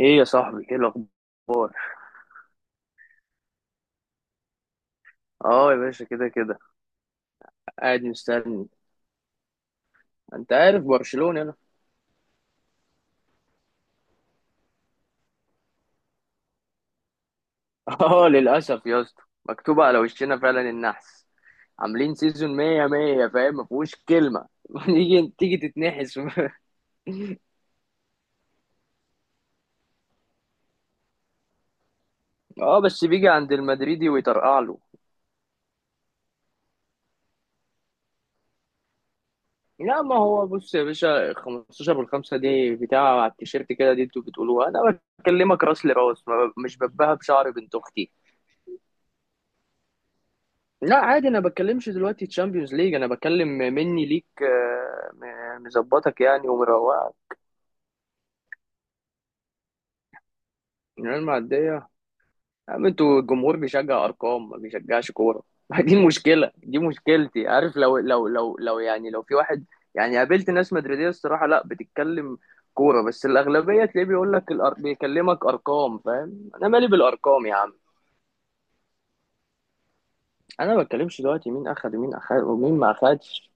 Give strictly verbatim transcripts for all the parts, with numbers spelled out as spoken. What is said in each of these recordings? ايه يا صاحبي، ايه الاخبار؟ اه يا باشا، كده كده. قاعد مستني. انت عارف برشلونة انا. اه للاسف يا اسطى، مكتوبة على وشنا فعلا النحس. عاملين سيزون مية مية فاهم، ما فيهوش كلمة. تيجي تيجي تتنحس. اه بس بيجي عند المدريدي ويطرقع له. لا ما هو بص يا باشا، خمسة عشر بالخمسة دي بتاع على التيشيرت كده، دي انتوا بتقولوها. انا بكلمك راس لراس، ما ب- مش ببها بشعر بنت اختي. لا عادي، انا بتكلمش دلوقتي تشامبيونز ليج، انا بتكلم مني ليك. آه، م- مظبطك يعني ومروقك. الريال معديه يا عم، انتوا الجمهور بيشجع ارقام، ما بيشجعش كوره. دي المشكله، دي مشكلتي، عارف؟ لو لو لو لو يعني لو في واحد. يعني قابلت ناس مدريديه الصراحه لا، بتتكلم كوره، بس الاغلبيه تلاقيه بيقول لك الأر... بيكلمك ارقام، فاهم؟ انا مالي بالارقام يا عم. انا ما بتكلمش دلوقتي مين اخد ومين اخد ومين ما اخدش.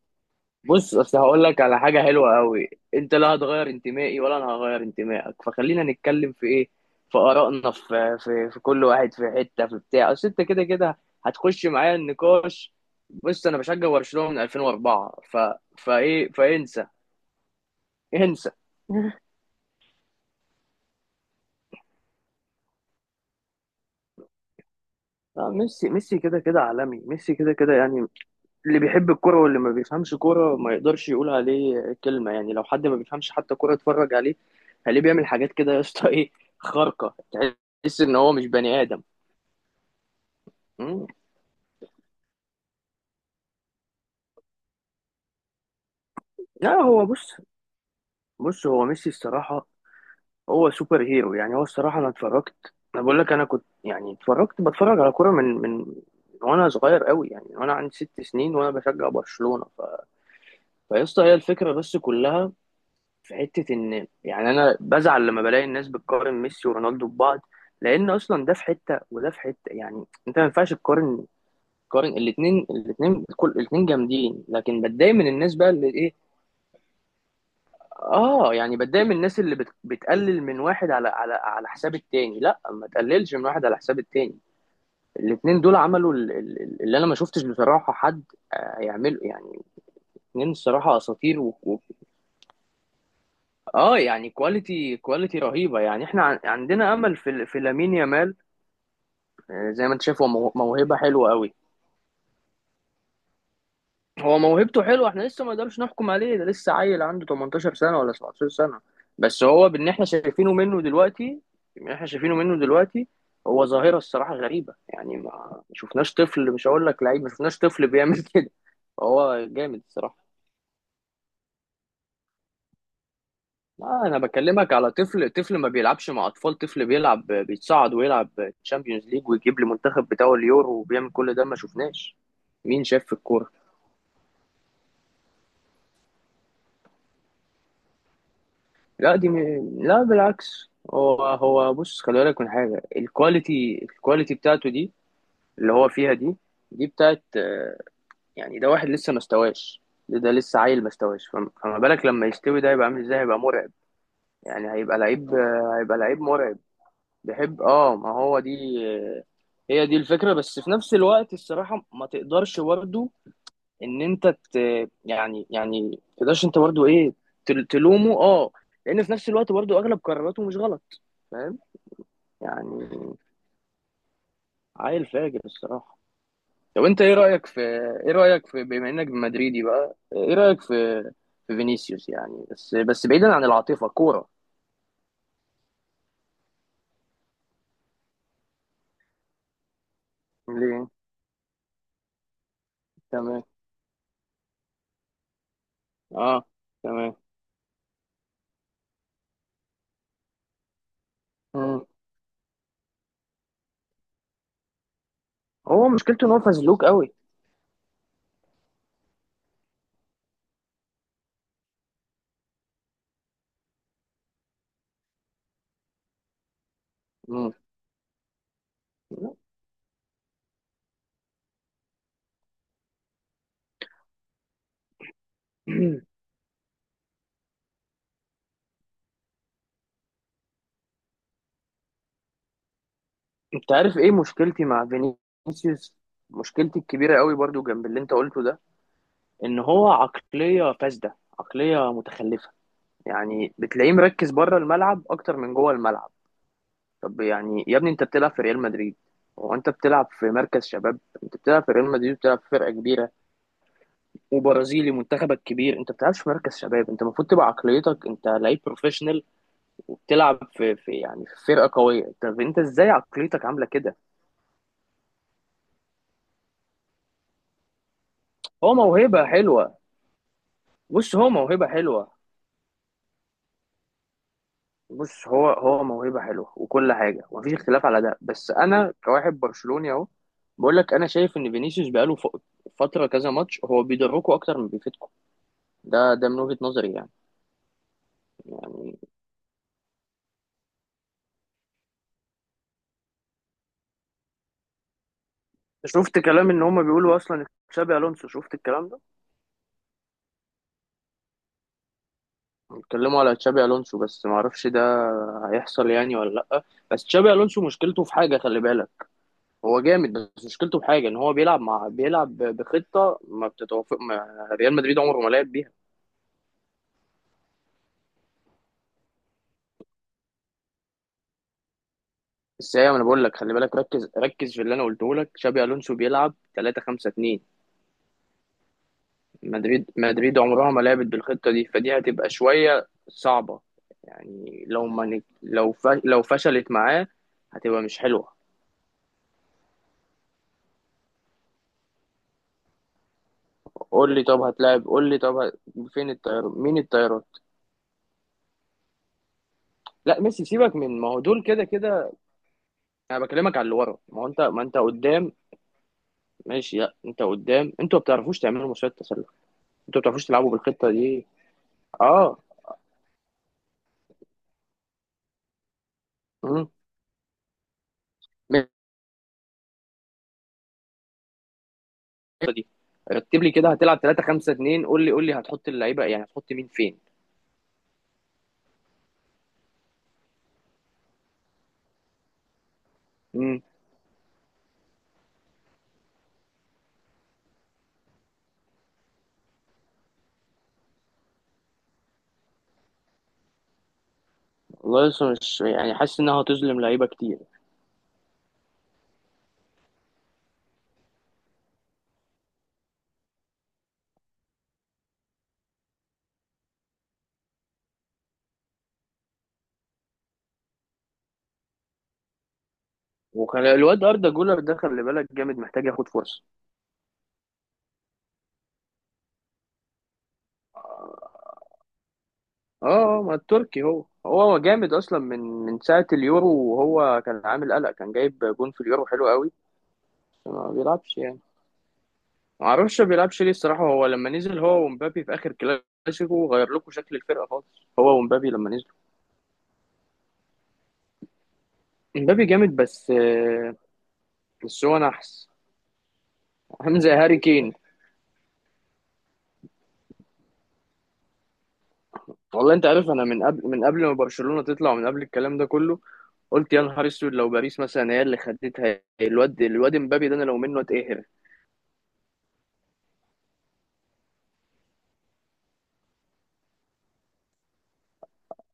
بص اصل هقول لك على حاجه حلوه قوي، انت لا هتغير انتمائي ولا انا هغير انتمائك، فخلينا نتكلم في ايه؟ في ارائنا، في في في كل واحد في حته في بتاع، اصل انت كده كده هتخش معايا النقاش. بص انا بشجع برشلونه من الفين واربعة، ف فايه فانسى. انسى. آه، ميسي، ميسي كده كده عالمي، ميسي كده كده يعني. اللي بيحب الكرة واللي ما بيفهمش كرة ما يقدرش يقول عليه كلمة. يعني لو حد ما بيفهمش حتى كرة، اتفرج عليه. هليه بيعمل حاجات كده يا اسطى، ايه، خارقة. تحس ان هو مش بني آدم. مم. لا هو بص، بص هو ميسي الصراحة هو سوبر هيرو. يعني هو الصراحة انا اتفرجت، انا بقول لك انا كنت يعني اتفرجت بتفرج على كرة من من وانا صغير قوي. يعني وانا عندي ست سنين وانا بشجع برشلونة ف... فيا اسطى هي الفكرة بس كلها. في حتة، إن يعني أنا بزعل لما بلاقي الناس بتقارن ميسي ورونالدو ببعض، لأن أصلا ده في حتة وده في حتة. يعني أنت ما ينفعش تقارن تقارن الاتنين الاتنين كل الاتنين جامدين. لكن بتضايق من الناس بقى اللي إيه، آه يعني بتضايق من الناس اللي بت بتقلل من واحد على على على حساب التاني. لا ما تقللش من واحد على حساب التاني، الاتنين دول عملوا ال- ال- اللي أنا ما شفتش بصراحة حد آه، يعمله يعني. اتنين الصراحة أساطير و- اه. يعني كواليتي كواليتي رهيبه. يعني احنا عن- عندنا امل في في لامين يامال. آه، زي ما انت شايف، هو مو- موهبه حلوه قوي. هو موهبته حلوه، احنا لسه ما نقدرش نحكم عليه، ده لسه عيل، عنده تمنتاشر سنه ولا سبعة عشر سنه. بس هو باللي احنا شايفينه منه دلوقتي، اللي احنا شايفينه منه دلوقتي، هو ظاهره الصراحه غريبه. يعني ما ما شفناش طفل، مش هقول لك لعيب، ما شفناش طفل بيعمل كده. هو جامد الصراحه. لا انا بكلمك على طفل، طفل ما بيلعبش مع اطفال، طفل بيلعب بيتصعد ويلعب تشامبيونز ليج ويجيب المنتخب بتاعه اليورو وبيعمل كل ده. ما شفناش مين شاف في الكوره. لا دي م... لا بالعكس، هو هو بص، خلي بالك من حاجه، الكواليتي، الكواليتي بتاعته دي اللي هو فيها دي دي بتاعت آه، يعني ده واحد لسه ما استواش. ده, ده لسه عيل ما استواش، فم- فما بالك لما يستوي، ده هيبقى عامل ازاي، هيبقى مرعب. يعني هيبقى لعيب، آه، هيبقى لعيب مرعب. بيحب، اه، ما هو دي هي دي الفكرة. بس في نفس الوقت الصراحة ما تقدرش برضه ان انت ت... يعني يعني ما تقدرش انت برضه ايه، تل- تلومه، اه. لان في نفس الوقت برضه اغلب قراراته مش غلط، فاهم يعني. عيل فاجر الصراحة. طب انت ايه رأيك في، ايه رأيك في، بما انك مدريدي بقى ايه رأيك في في فينيسيوس؟ يعني بس بس بعيدا عن العاطفة، كورة؟ ليه؟ تمام. اه. تمام. مم. هو مشكلته ان هو فزلوك قوي. مم. انت عارف ايه مشكلتي مع فينيسيوس؟ مشكلتي الكبيره قوي برضو جنب اللي انت قلته ده، ان هو عقليه فاسده، عقليه متخلفه. يعني بتلاقيه مركز بره الملعب اكتر من جوه الملعب. طب يعني يا ابني، انت بتلعب في ريال مدريد، وانت بتلعب في مركز شباب؟ انت بتلعب في ريال مدريد، بتلعب في فرقه كبيره، وبرازيلي، منتخبك كبير، انت بتلعبش في مركز شباب. انت المفروض تبقى عقليتك انت لعيب بروفيشنال، وبتلعب في, في يعني في فرقه قويه. طب انت ازاي عقليتك عامله كده؟ هو موهبه حلوه. بص هو موهبة حلوة. بص هو هو موهبة حلوة وكل حاجة، ومفيش اختلاف على ده، بس أنا كواحد برشلوني أهو بقول لك أنا شايف إن فينيسيوس بقاله ف- فترة كذا ماتش هو بيضركوا أكتر من بيفيدكوا. ده ده من وجهة نظري يعني. يعني شفت كلام إن هما بيقولوا أصلا تشابي ألونسو؟ شفت الكلام ده؟ بيتكلموا على تشابي ألونسو، بس معرفش ده هيحصل يعني ولا لأ. بس تشابي ألونسو مشكلته في حاجة، خلي بالك، هو جامد بس مشكلته في حاجة إن هو بيلعب مع، بيلعب بخطة ما بتتوافق، ما ريال مدريد عمره ما لعب بيها. بس ايوه، ما انا بقول لك، خلي بالك، ركز ركز في اللي انا قلته لك، شابي الونسو بيلعب ثلاثة خمسة اتنين. مدريد مدريد عمرها ما لعبت بالخطه دي، فدي هتبقى شويه صعبه. يعني لو ما نج... لو ف... لو فشلت معاه هتبقى مش حلوه. قول لي، طب هتلاعب؟ قول لي طب ه... فين الطيار؟ مين الطيارات؟ لا ميسي سيبك، من ما هو دول كده كده. انا بكلمك على اللي ورا. ما هو انت، ما انت قدام. ماشي، لا انت قدام، انتوا ما بتعرفوش تعملوا مصيدة تسلل. انتوا ما بتعرفوش تلعبوا بالخطه دي. اه. مم. الخطة دي، رتب لي كده هتلعب ثلاثة خمسة اثنين، قول لي قول لي هتحط اللعيبه يعني، هتحط مين فين؟ امم. والله لسه مش يعني حاسس انها هتظلم لعيبه كتير. وكان الواد اردا جولر ده خلي بالك جامد، محتاج ياخد فرصه. اه. آه، ما التركي هو، هو جامد اصلا من من ساعه اليورو، وهو كان عامل قلق، كان جايب جون في اليورو حلو قوي. بس ما بيلعبش يعني، ما اعرفش ما بيلعبش ليه الصراحه. هو لما نزل هو ومبابي في اخر كلاسيكو غير لكم شكل الفرقه خالص، هو ومبابي لما نزلوا. مبابي جامد، بس آه، بس هو نحس، عامل زي هاري كين. والله انت عارف انا من قبل من قبل ما برشلونة تطلع، ومن قبل الكلام ده كله، قلت يا نهار اسود لو باريس مثلا هي اللي خدتها. الواد، الواد امبابي ده، انا لو منه اتقهر.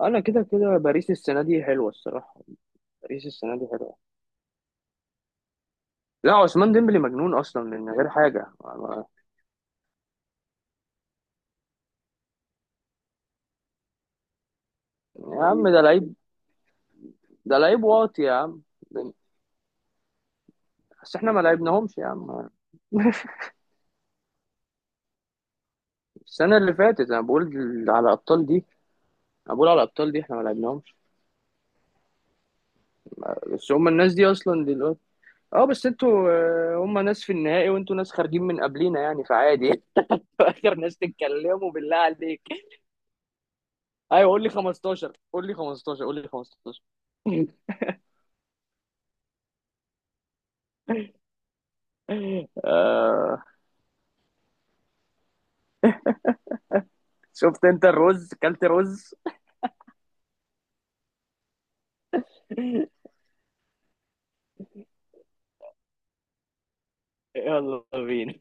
انا كده كده باريس السنة دي حلوة الصراحة. باريس السنة دي حلوة. لا عثمان ديمبلي مجنون اصلا من غير حاجة. يا عم ده لعيب، ده لعيب واطي يا عم. بس احنا ما لعبناهمش يا عم. السنة اللي فاتت، انا بقول على الابطال دي، انا بقول على الابطال دي احنا ما لعبناهمش. بس هم الناس دي اصلا دي. اه بس انتوا آه، هم ناس في النهائي وانتوا ناس خارجين من قبلينا يعني، فعادي. اخر ناس تتكلموا بالله عليك! ايوه، قول لي خمستاشر، قول لي خمستاشر، قول لي خمسة عشر. آه. شفت انت الرز؟ كلت رز؟ يلا بينا.